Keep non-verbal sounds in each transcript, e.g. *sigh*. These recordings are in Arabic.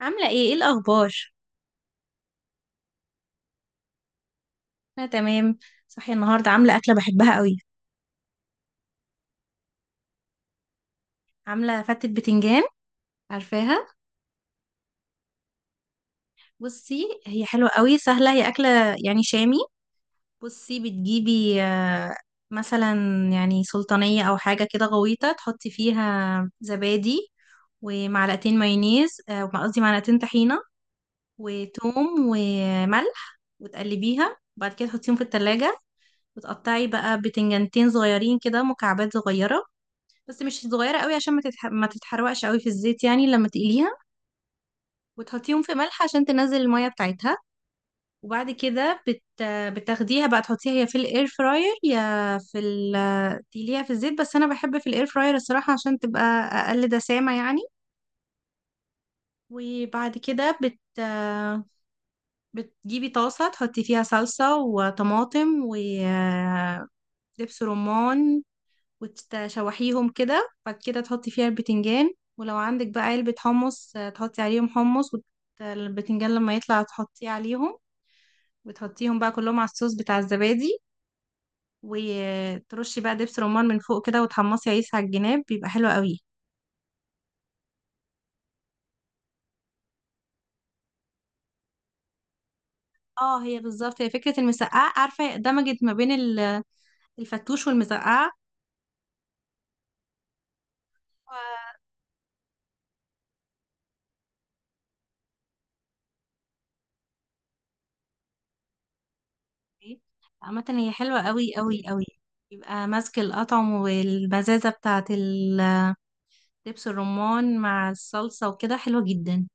عاملة ايه الأخبار؟ أنا تمام. صحية النهاردة، عاملة أكلة بحبها قوي. عاملة فتة بتنجان، عارفاها؟ بصي هي حلوة قوي، سهلة. هي أكلة يعني شامي. بصي، بتجيبي مثلا يعني سلطانية أو حاجة كده غويطة، تحطي فيها زبادي ومعلقتين مايونيز قصدي معلقتين طحينة وتوم وملح، وتقلبيها وبعد كده تحطيهم في التلاجة. وتقطعي بقى بتنجانتين صغيرين كده، مكعبات صغيرة بس مش صغيرة قوي عشان ما تتحرقش قوي في الزيت يعني لما تقليها. وتحطيهم في ملح عشان تنزل المية بتاعتها. وبعد كده بتاخديها بقى تحطيها يا في الاير فراير يا في ال... تقليها في الزيت. بس انا بحب في الاير فراير الصراحة عشان تبقى اقل دسامة يعني. وبعد كده بتجيبي طاسة تحطي فيها صلصة وطماطم ودبس رمان، وتشوحيهم كده. بعد كده تحطي فيها البتنجان، ولو عندك بقى علبة حمص تحطي عليهم حمص. والبتنجان لما يطلع تحطيه عليهم، وتحطيهم بقى كلهم على الصوص بتاع الزبادي، وترشي بقى دبس رمان من فوق كده، وتحمصي عيش على الجناب، بيبقى حلو قوي. اه، هي بالظبط. هي فكرة المسقعة، عارفة؟ دمجت ما بين الفتوش والمسقعة. *laughs* ف- عامة هي حلوة قوي قوي قوي. يبقى ماسك الأطعم والمزازة بتاعة دبس الرمان مع الصلصة وكده، حلوة جدا.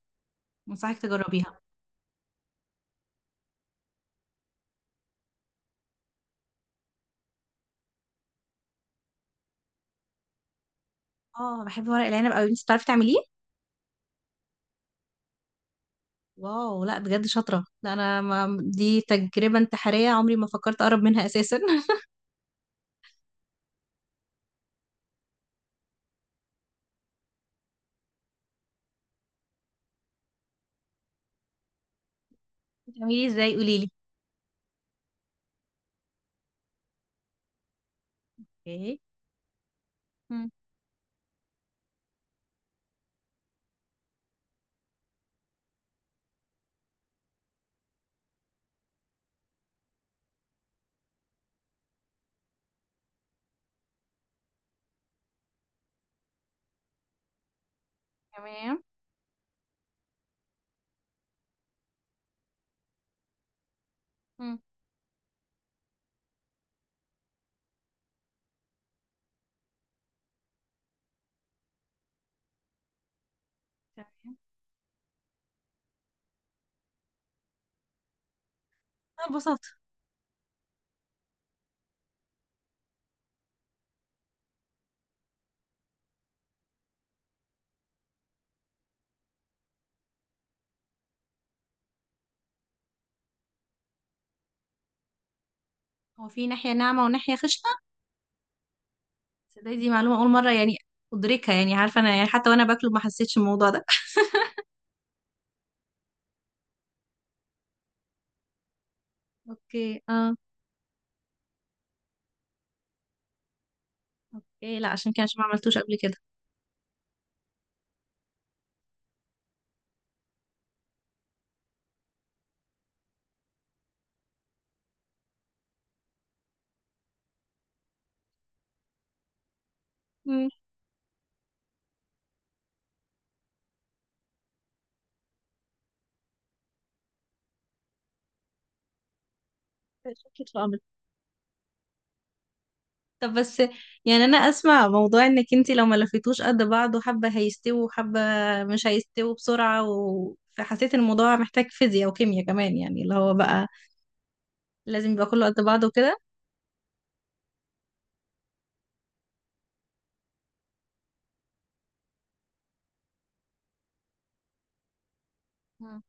انصحك تجربيها. اه، بحب ورق العنب قوي. انت بتعرفي تعمليه؟ واو، لا بجد شاطرة. لا انا، ما دي تجربة انتحارية، عمري ما فكرت اقرب منها اساسا. *laughs* بتعمليه ازاي؟ قوليلي. اوكي. مم. تمام. مم. تمام. لا ببساطة. هو في ناحية ناعمة وناحية خشنة؟ تصدقي دي معلومة أول مرة يعني أدركها. يعني عارفة، أنا يعني حتى وأنا باكله ما حسيتش الموضوع ده. *laughs* اوكي، اه. اوكي، لا عشان كده، عشان ما عملتوش قبل كده. امم. طب بس، يعني انا اسمع موضوع انك انتي لو ما لفيتوش قد بعض وحبة هيستووا وحبة مش هيستووا بسرعة فحسيت ان الموضوع محتاج فيزياء وكيمياء كمان، يعني اللي هو بقى لازم يبقى كله قد بعضه وكده. مم.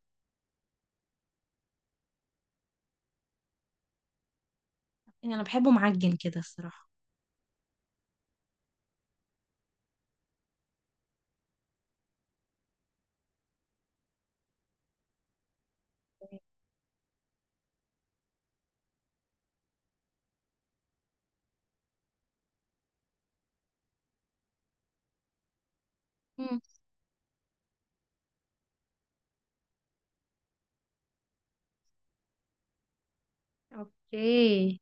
يعني انا بحبه معجن كده الصراحة. مم. اوكي.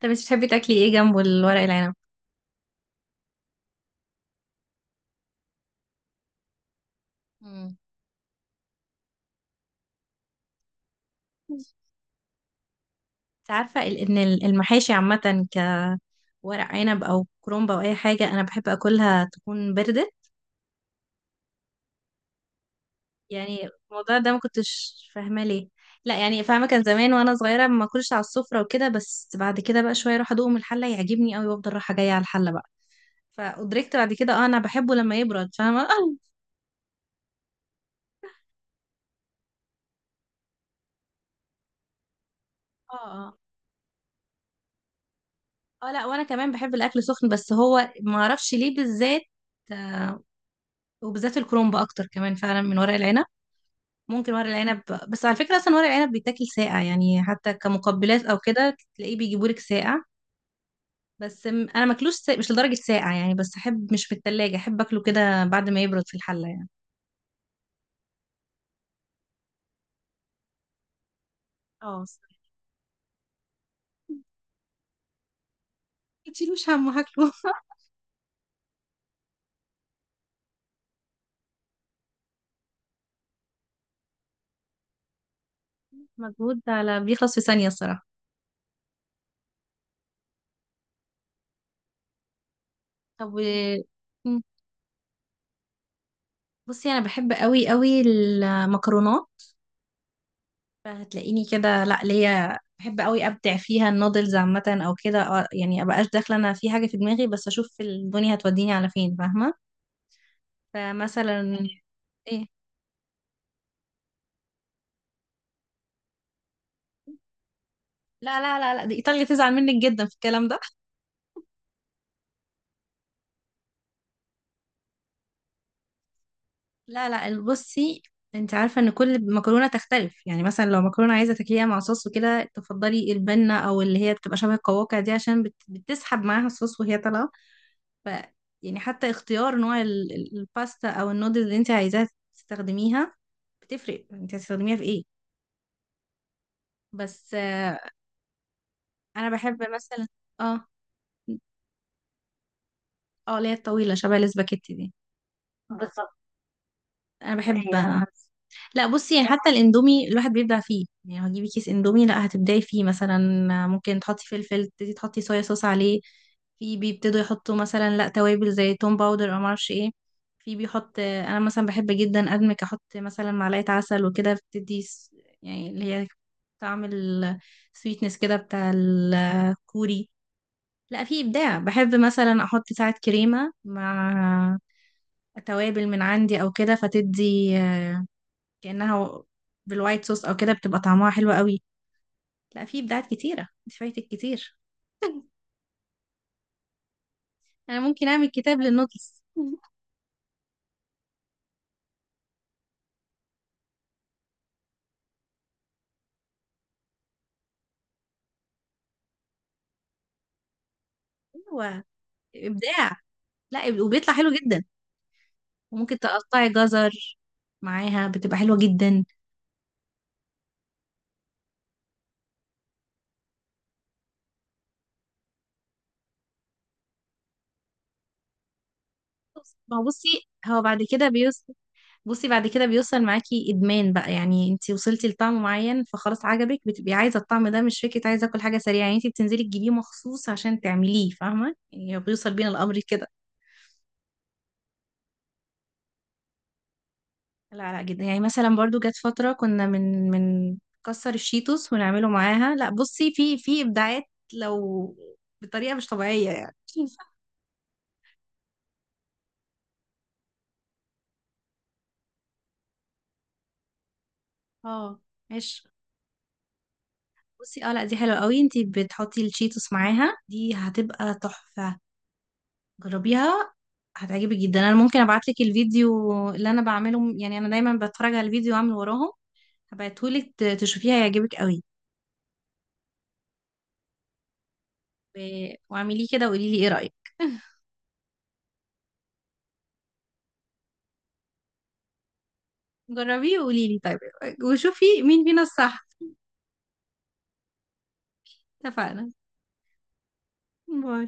طب انت بتحبي تاكلي ايه جنبه الورق العنب؟ مم. انت عارفة ان المحاشي عامة، كورق عنب او كرومبة او اي حاجة، انا بحب اكلها تكون باردة. يعني الموضوع ده ما كنتش فاهمه ليه. لا يعني فاهمه، كان زمان وانا صغيره ما اكلش على السفره وكده، بس بعد كده بقى شويه اروح ادوقه من الحله يعجبني قوي، وافضل رايحه جايه على الحله بقى. فادركت بعد كده اه انا بحبه لما يبرد، فاهمه؟ *laughs* اه. اه، اه، لا وانا كمان بحب الاكل سخن. بس هو ما اعرفش ليه بالذات، آه، وبالذات الكرومب اكتر كمان فعلا من ورق العنب. ممكن ورق العنب، بس على فكره اصلا ورق العنب بيتاكل ساقع، يعني حتى كمقبلات او كده تلاقيه بيجيبولك ساقع. بس انا ماكلوش مش لدرجه ساقع يعني، بس احب مش في التلاجة، احب اكله كده بعد ما يبرد في الحله يعني. اه الصراحة. ما تشيلوش هم، هاكله. *laughs* مجهود على بيخلص في ثانيه الصراحه. طب م. بصي انا بحب قوي قوي المكرونات، فهتلاقيني كده. لا، ليا بحب قوي ابدع فيها، النودلز عامه او كده يعني ابقاش داخله انا في حاجه في دماغي، بس اشوف الدنيا هتوديني على فين، فاهمه؟ فمثلا، ايه، لا لا لا لا دي ايطاليا تزعل منك جدا في الكلام ده. لا لا، بصي، انت عارفه ان كل مكرونه تختلف. يعني مثلا لو مكرونه عايزه تاكليها مع صوص وكده، تفضلي البنه او اللي هي بتبقى شبه القواقع دي، عشان بتسحب معاها الصوص وهي طالعه. ف يعني حتى اختيار نوع الباستا او النودلز اللي انت عايزاها تستخدميها، بتفرق. انت هتستخدميها في ايه؟ بس انا بحب مثلا، اه، اه اللي هي الطويله شبه الاسباجيتي دي. انا بحب، ايوه. لا بصي، يعني حتى الاندومي الواحد بيبدع فيه. يعني هتجيبي كيس اندومي، لا هتبدعي فيه مثلا. ممكن تحطي فلفل، تبتدي تحطي صويا صوص عليه. في بيبتدوا يحطوا مثلا، لا توابل زي توم باودر او معرفش ايه. في بيحط، انا مثلا بحب جدا ادمك، احط مثلا معلقه عسل وكده بتدي يعني اللي هي طعم السويتنس كده بتاع الكوري. لا في ابداع. بحب مثلا احط ساعات كريمه مع توابل من عندي او كده، فتدي كأنها بالوايت صوص او كده، بتبقى طعمها حلو قوي. لا في ابداعات كتيرة، انت فايتك كتير. انا ممكن اعمل كتاب للنودلز. *laughs* ايوه، ابداع. لا وبيطلع حلو جدا. وممكن تقطعي جزر معاها، بتبقى حلوة جدا. ما هو بصي، هو بعد كده بيوصل. بصي، بعد كده بيوصل معاكي ادمان بقى. يعني انت وصلتي لطعم معين فخلاص عجبك، بتبقي عايزه الطعم ده، مش فكره عايزه اكل حاجه سريعه. يعني انت بتنزلي تجيبيه مخصوص عشان تعمليه، فاهمه؟ يعني هو بيوصل بينا الامر كده. لا لا، جدا. يعني مثلا برضو جت فترة كنا من كسر الشيتوس ونعمله معاها. لا بصي، في إبداعات، لو بطريقة مش طبيعية يعني. *laughs* اه، ماشي. بصي اه، لا دي حلوة قوي. انتي بتحطي الشيتوس معاها، دي هتبقى تحفة. جربيها، هتعجبك جدا. انا ممكن ابعتلك الفيديو اللي انا بعمله، يعني انا دايما بتفرج على الفيديو واعمل وراهم. هبعتهولك تشوفيها، هيعجبك قوي. واعمليه كده وقولي لي ايه رأيك. *laughs* جربيه وقولي لي، طيب؟ وشوفي مين فينا الصح. اتفقنا. باي.